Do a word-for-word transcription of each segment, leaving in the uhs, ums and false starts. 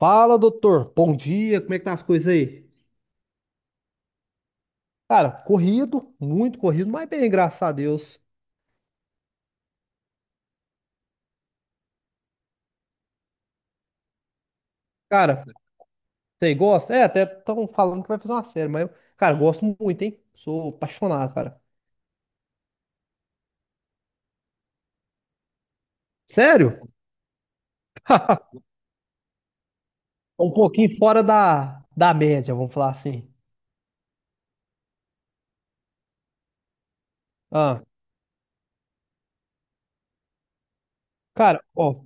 Fala, doutor. Bom dia, como é que tá as coisas aí? Cara, corrido, muito corrido, mas bem, graças a Deus. Cara, você gosta? É, até estão falando que vai fazer uma série, mas eu, cara, gosto muito, hein? Sou apaixonado, cara. Sério? Um pouquinho fora da, da média, vamos falar assim. Ah, cara, ó,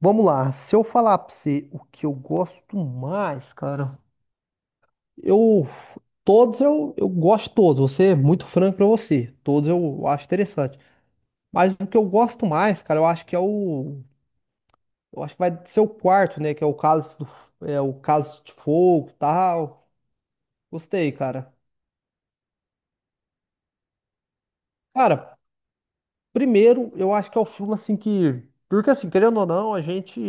vamos lá. Se eu falar pra você o que eu gosto mais, cara, eu. Todos eu, eu gosto de todos, vou ser muito franco pra você. Todos eu acho interessante. Mas o que eu gosto mais, cara, eu acho que é o. Eu acho que vai ser o quarto, né? Que é o Cálice do, é, o Cálice de Fogo e tal. Gostei, cara. Cara, primeiro, eu acho que é o filme assim que. Porque assim, querendo ou não, a gente.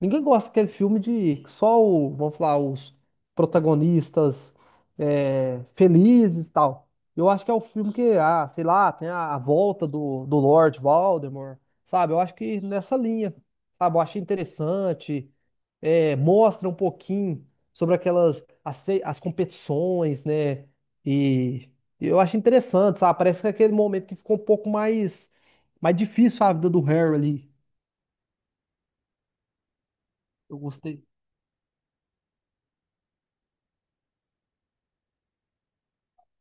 Ninguém gosta daquele filme de que só o, vamos falar, os protagonistas é, felizes e tal. Eu acho que é o filme que, ah, sei lá, tem a, a volta do, do Lord Voldemort, sabe? Eu acho que nessa linha, sabe? Eu achei interessante, é, mostra um pouquinho sobre aquelas, as, as competições, né? E eu acho interessante, sabe? Parece que é aquele momento que ficou um pouco mais mas difícil a vida do Harry ali. Eu gostei. O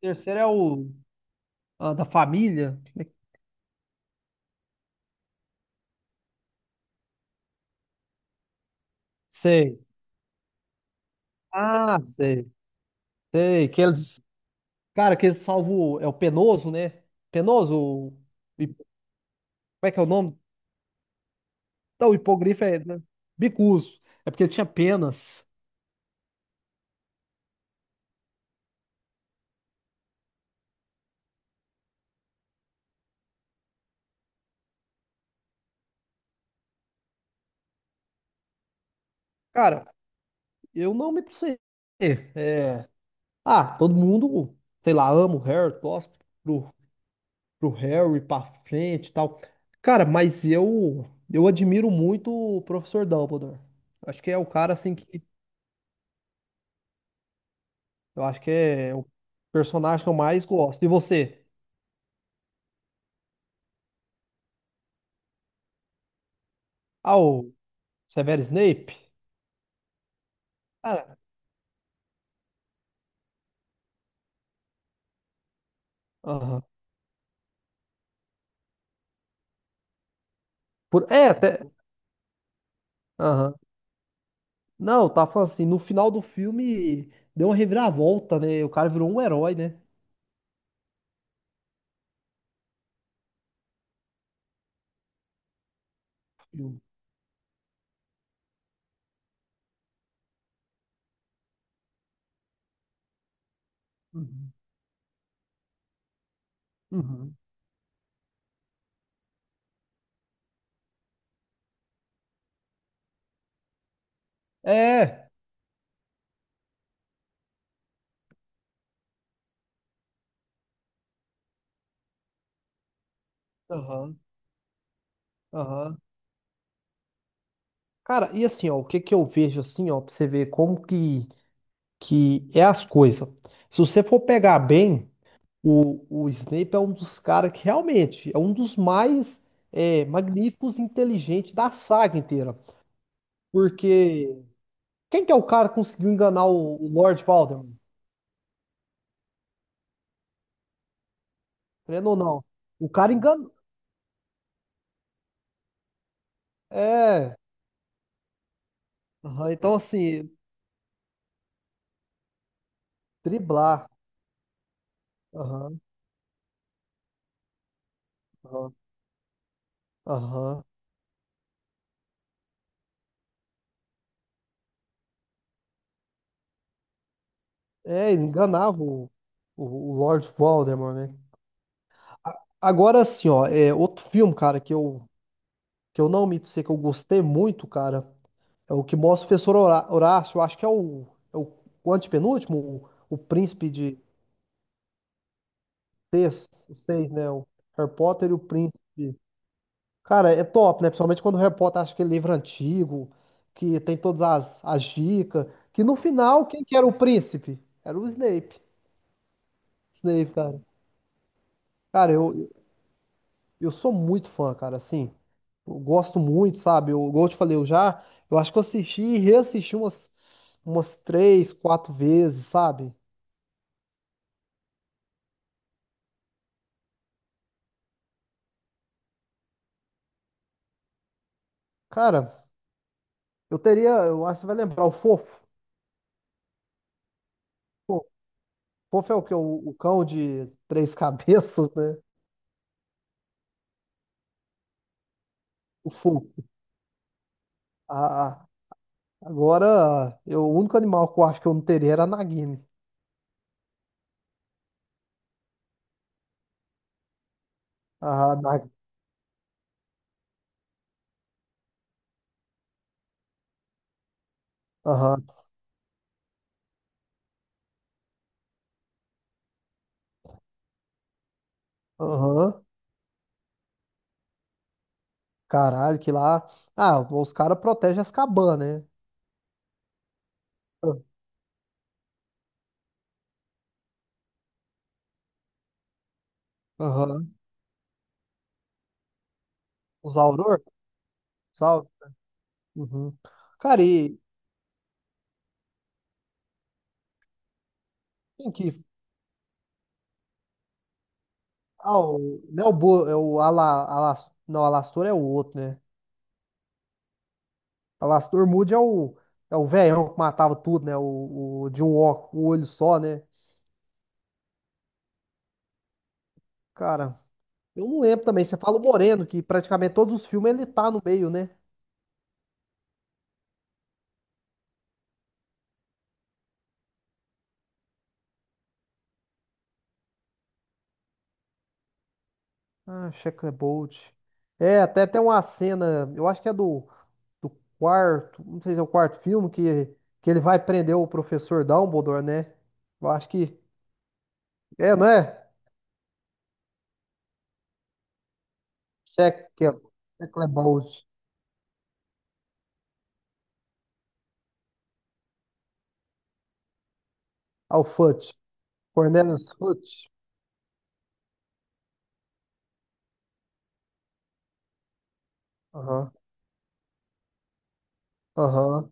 terceiro é o ah, da família. Sei. Ah, sei. Sei. Que eles. Cara, que eles salvam. O- É o Penoso, né? Penoso. O- hi- Como é que é o nome? Não, o hipogrifo é. Né? Bicuso. É porque ele tinha penas. Cara, eu não me sei. É. Ah, todo mundo, sei lá, ama o Harry, torce pro pro Harry pra frente e tal. Cara, mas eu eu admiro muito o professor Dumbledore. Acho que é o cara assim que eu acho que é o personagem que eu mais gosto. E você? Ah, o Severo Snape? Cara, aham. Por, é, até. Aham. Não, eu tava falando assim, no final do filme deu uma reviravolta, né? O cara virou um herói, né? Filme. Uhum. Uhum. É. Aham. Aham. Cara, e assim, ó, o que que eu vejo assim, ó, pra você ver como que que é as coisas. Se você for pegar bem, o, o Snape é um dos caras que realmente é um dos mais é, magníficos e inteligentes da saga inteira. Porque quem que é o cara que conseguiu enganar o, o Lord Voldemort? Querendo ou não? O cara enganou. É. Aham, então, assim, driblar. Aham, aham, aham. É, ele enganava o, o, o Lord Voldemort, né? A- Agora, assim, ó, é outro filme, cara, que eu que eu não omito sei que eu gostei muito, cara, é o que mostra o professor Horá- Horácio, eu acho que é o, é o, o antepenúltimo, o, o príncipe de seis, os seis, né? O Harry Potter e o príncipe. Cara, é top, né? Principalmente quando o Harry Potter acha aquele livro antigo, que tem todas as, as dicas, que no final, quem que era o príncipe? Era o Snape. Snape, cara. Cara, eu, eu sou muito fã, cara, assim, eu gosto muito, sabe? Eu, igual eu te falei, eu já, eu acho que eu assisti e reassisti umas umas três, quatro vezes, sabe? Cara, eu teria, eu acho que você vai lembrar, o Fofo. Pô, Fofo é o que? O, o cão de três cabeças, né? O Fofo. Ah, agora, eu, o único animal que eu acho que eu não teria era a Nagini. Ah, na, aham, aham. Caralho, que lá. Ah, os caras protegem as cabanas, né? Aham. Os Auror? Sal. Uhum. Cara, e quem que. Ah, o, não é o, Bo, é o Ala, Alas, não, Alastor é o outro, né? Alastor Moody é o é o velhão que matava tudo, né? O, o de um ó- um olho só, né? Cara, eu não lembro também. Você fala o Moreno, que praticamente todos os filmes ele tá no meio, né? Ah, Checkerbolt. É, até tem uma cena, eu acho que é do, do quarto, não sei se é o quarto filme, que, que ele vai prender o professor Dumbledore, né? Eu acho que. É, não é? Checker- Checkerbolt. Ah, o Fudge. Cornelius Fudge. Aham, aham.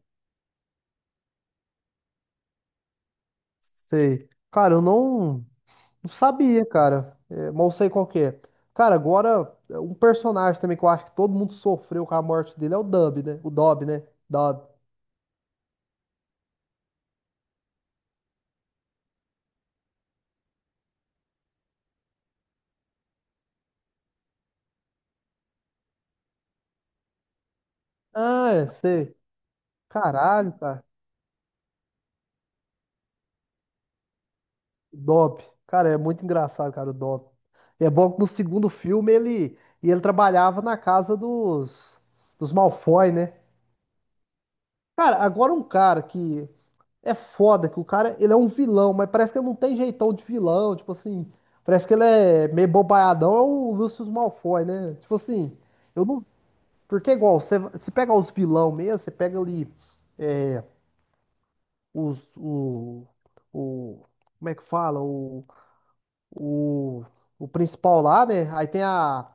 Sei. Cara, eu não. Não sabia, cara. É, mas eu sei qual que é. Cara, agora, é, um personagem também que eu acho que todo mundo sofreu com a morte dele é o Dub, né? O Dob, né? Dob. Ah, é, sei. Caralho, cara. Dob. Cara, é muito engraçado, cara, o Dob. É bom que no segundo filme ele, e ele trabalhava na casa dos, dos Malfoy, né? Cara, agora um cara que é foda, que o cara, ele é um vilão, mas parece que ele não tem jeitão de vilão, tipo assim, parece que ele é meio bobaiadão, é o Lucius Malfoy, né? Tipo assim, eu não, porque é igual, você, você pega os vilão mesmo, você pega ali os, o, o, como é que fala? O, o, o principal lá, né? Aí tem a,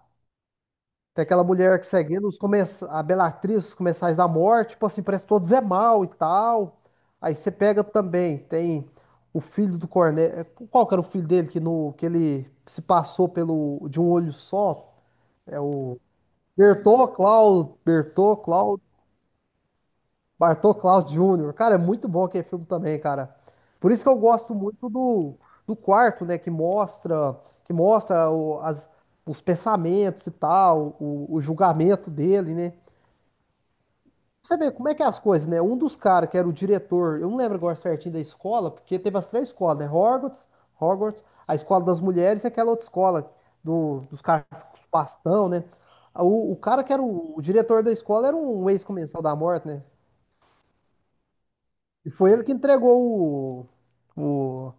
tem aquela mulher que seguindo os começa a Bellatrix, os comensais da morte, tipo assim, parece que todos é mal e tal. Aí você pega também, tem o filho do Cornélio. Qual que era o filho dele que, no, que ele se passou pelo de um olho só? É o Bertô Cláudio, Bertô Cláudio, Bartô Cláudio Júnior. Cara, é muito bom aquele filme também, cara. Por isso que eu gosto muito do, do quarto, né? Que mostra, que mostra o- as, os pensamentos e tal, o, o julgamento dele, né? Você vê como é que é as coisas, né? Um dos caras que era o diretor, eu não lembro agora certinho da escola, porque teve as três escolas, né? Hogwarts, Hogwarts, a escola das mulheres e aquela outra escola do- dos caras com os bastão, né? O, o cara que era o, o diretor da escola era um ex-comensal da morte, né? E foi ele que entregou o, o,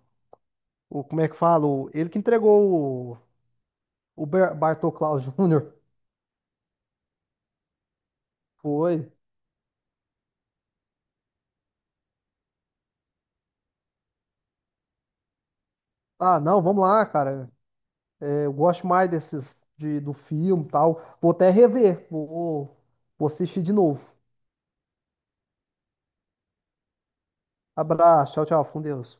o- como é que fala? O- ele que entregou o, o Ber- Bartô Klaus júnior Foi. Ah, não, vamos lá, cara. Eu gosto mais desses de, do filme e tal. Vou até rever. Vou, vou assistir de novo. Abraço. Tchau, tchau. Fica Com Deus.